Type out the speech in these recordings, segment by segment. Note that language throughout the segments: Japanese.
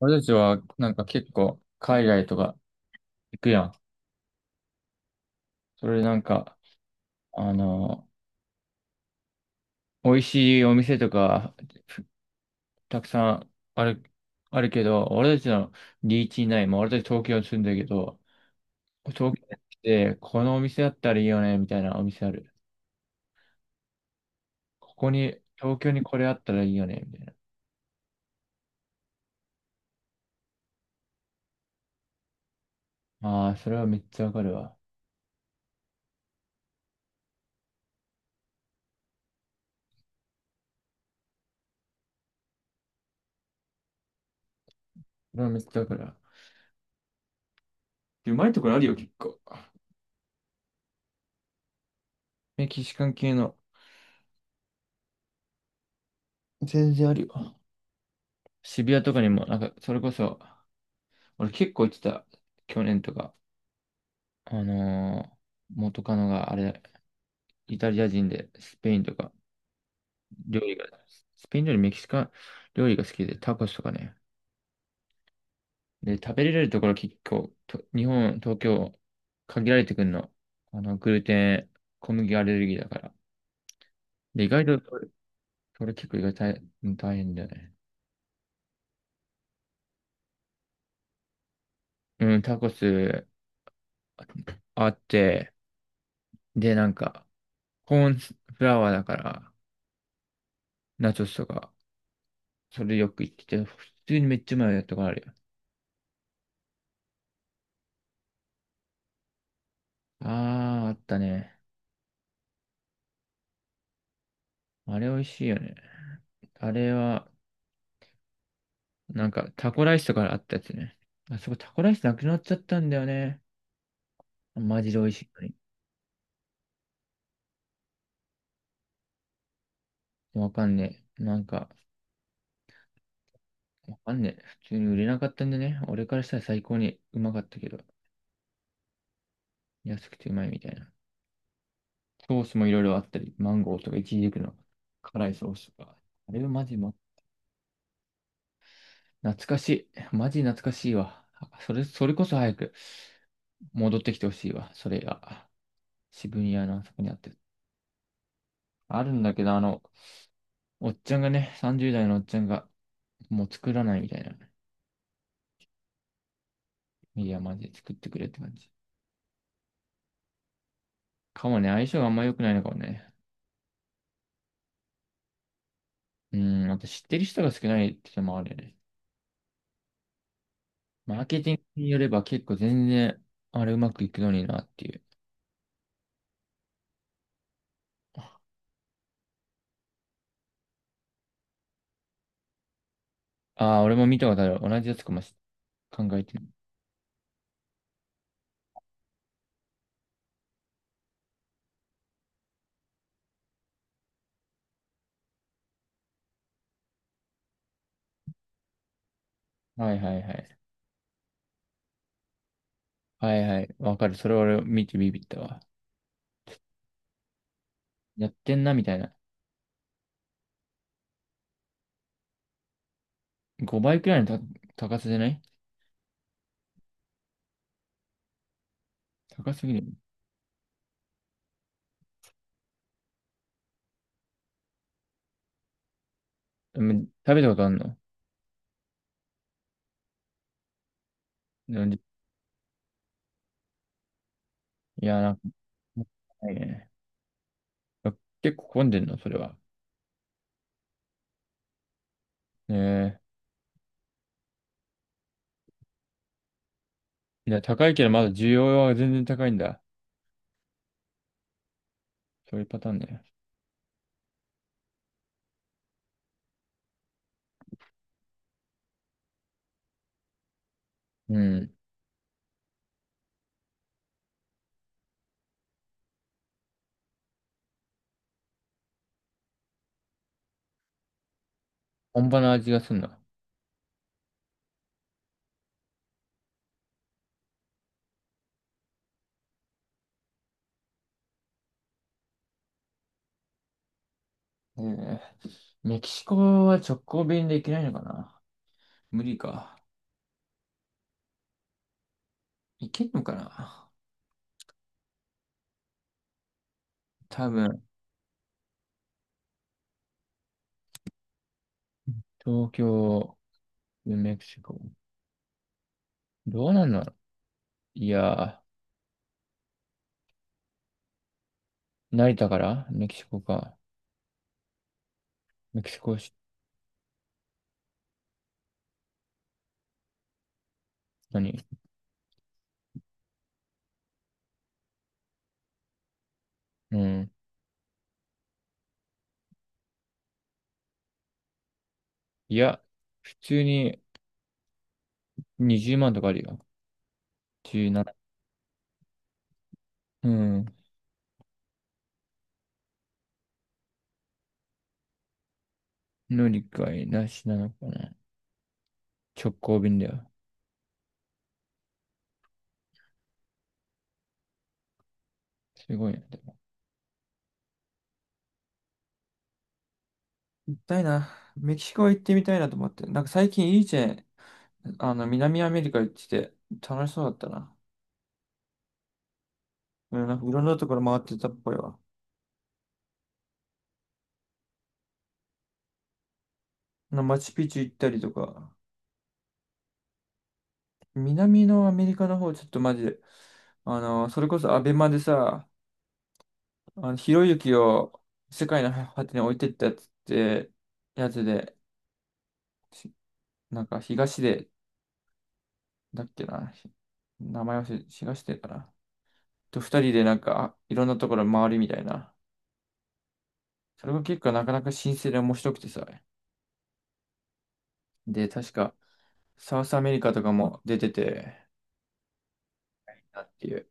俺たちはなんか結構海外とか行くやん。それでなんか、あの、美味しいお店とかふたくさんあるけど、俺たちのリーチにない。まあ、俺たち東京に住んだけど、東京に来て、このお店あったらいいよね、みたいなお店ある。ここに、東京にこれあったらいいよね、みたいな。ああ、それはめっちゃわかるわ。それはめっちゃわかるわ。でうまいところあるよ、結構。メキシカン系の。全然あるよ。渋谷とかにも、なんか、それこそ、俺結構言ってた、去年とか。あのー元カノがあれ、イタリア人で、スペインとか、料理が、スペイン料理、メキシカン料理が好きで、タコスとかね。で、食べれるところ結構、と日本、東京、限られてくんの。グルテン、小麦アレルギーだから。で、意外と、それ結構意外と大変大変だよね。うん、タコスあって、で、なんか、コーンフラワーだから、ナチョスとか、それよく言ってて、普通にめっちゃうまいやったことかあるよ。ああ、あったね。あれ美味しいよね。あれは、なんかタコライスとかあったやつね。あそこタコライスなくなっちゃったんだよね。マジで美味しいのに。わかんねえ。なんか、わかんねえ。普通に売れなかったんでね。俺からしたら最高にうまかったけど、安くてうまいみたいな。ソースもいろいろあったり、マンゴーとかイチジクの辛いソースとか。あれはマジも、懐かしい。マジ懐かしいわ。それこそ早く。戻ってきてほしいわ、それが。渋谷のあそこにあって。あるんだけど、おっちゃんがね、30代のおっちゃんが、もう作らないみたいな。いや、マジで作ってくれって感じ。かもね、相性があんま良くないのかもね。うん、あと知ってる人が少ないってのもあるよね。マーケティングによれば結構全然、あれうまくいくのになっていう。ああ、俺も見たことある。同じやつかもし考えてる。はいはいはい。はいはい。わかる。それ俺見てビビったわ。やってんなみたいな。5倍くらいの高さじゃない？高すぎる。でも食べたことあんの？でもいや、なんか、もったいないね。結構混んでんの、それは？ねえ。いや、高いけど、まだ需要は全然高いんだ。そういうパターンね。うん。本場の味がすんな。ねえ。メキシコは直行便で行けないのかな？無理か。行けるのかな？多分。東京、メキシコ。どうなんだろう？いやー、成田からメキシコか。メキシコし、何？うん。いや、普通に、20万とかあるよ。17。うん。乗り換えなしなのかな。直行便だよ。すごいな。でも行きたいな。メキシコ行ってみたいなと思って。なんか最近いいチェーン、南アメリカ行ってて楽しそうだったな。うん、なんかいろんなところ回ってたっぽいわ。マチュピチュ行ったりとか。南のアメリカの方、ちょっとマジで、それこそアベマでさ、ひろゆきを世界の果てに置いてったやつって、やつで、しなんかだっけな。名前忘れ、東出かな。と二人でなんか、いろんなところ回るみたいな。それが結構なかなか新鮮で面白くてさ。で、確か、サウスアメリカとかも出てて、なっていう。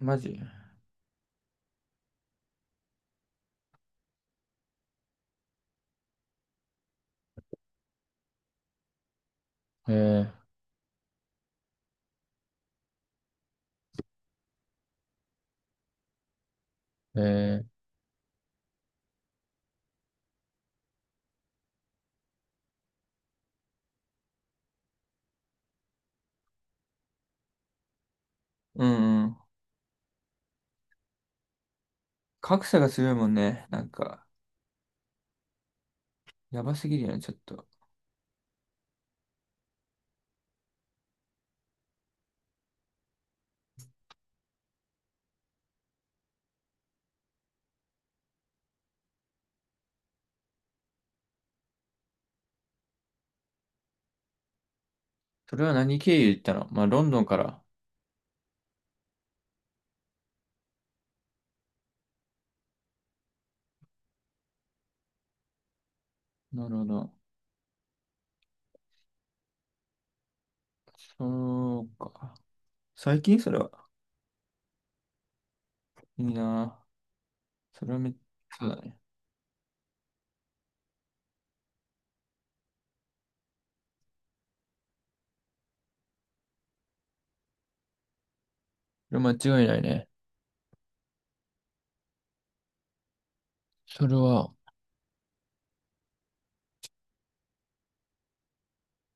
マジえー、えーうんうん。格差がすごいもんね。なんか、やばすぎるよね、ちょっと。それは何経由で行ったの？まあ、ロンドンから。なるほど。そうか。最近それは。いいな。それはめ、そうだね。それ間違いないね。それは、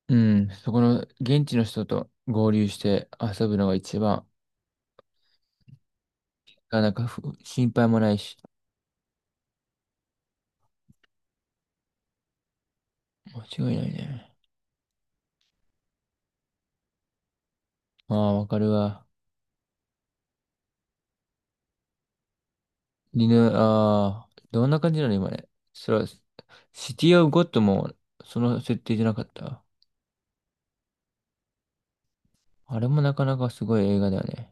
うん、そこの現地の人と合流して遊ぶのが一番、なかなか心配もないし、間違いないね。ああ、わかるわ。ああ、どんな感じなの今ね。それは、シティオブゴッドもその設定じゃなかった。あれもなかなかすごい映画だよね。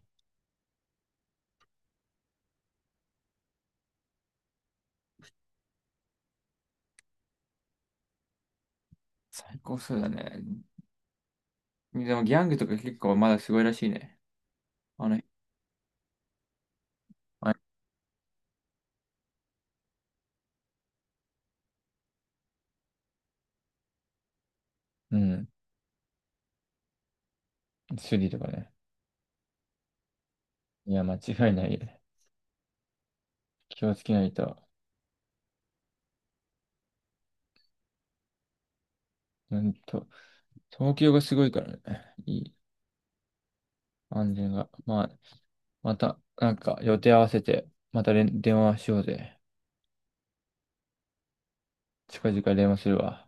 最高そうだね。でもギャングとか結構まだすごいらしいね。あの、あうん、スリとかね。いや、間違いないよね。気をつけないと。うんと、東京がすごいからね。いい安全が。まあ、また、なんか予定合わせて、また電話しようぜ。近々電話するわ。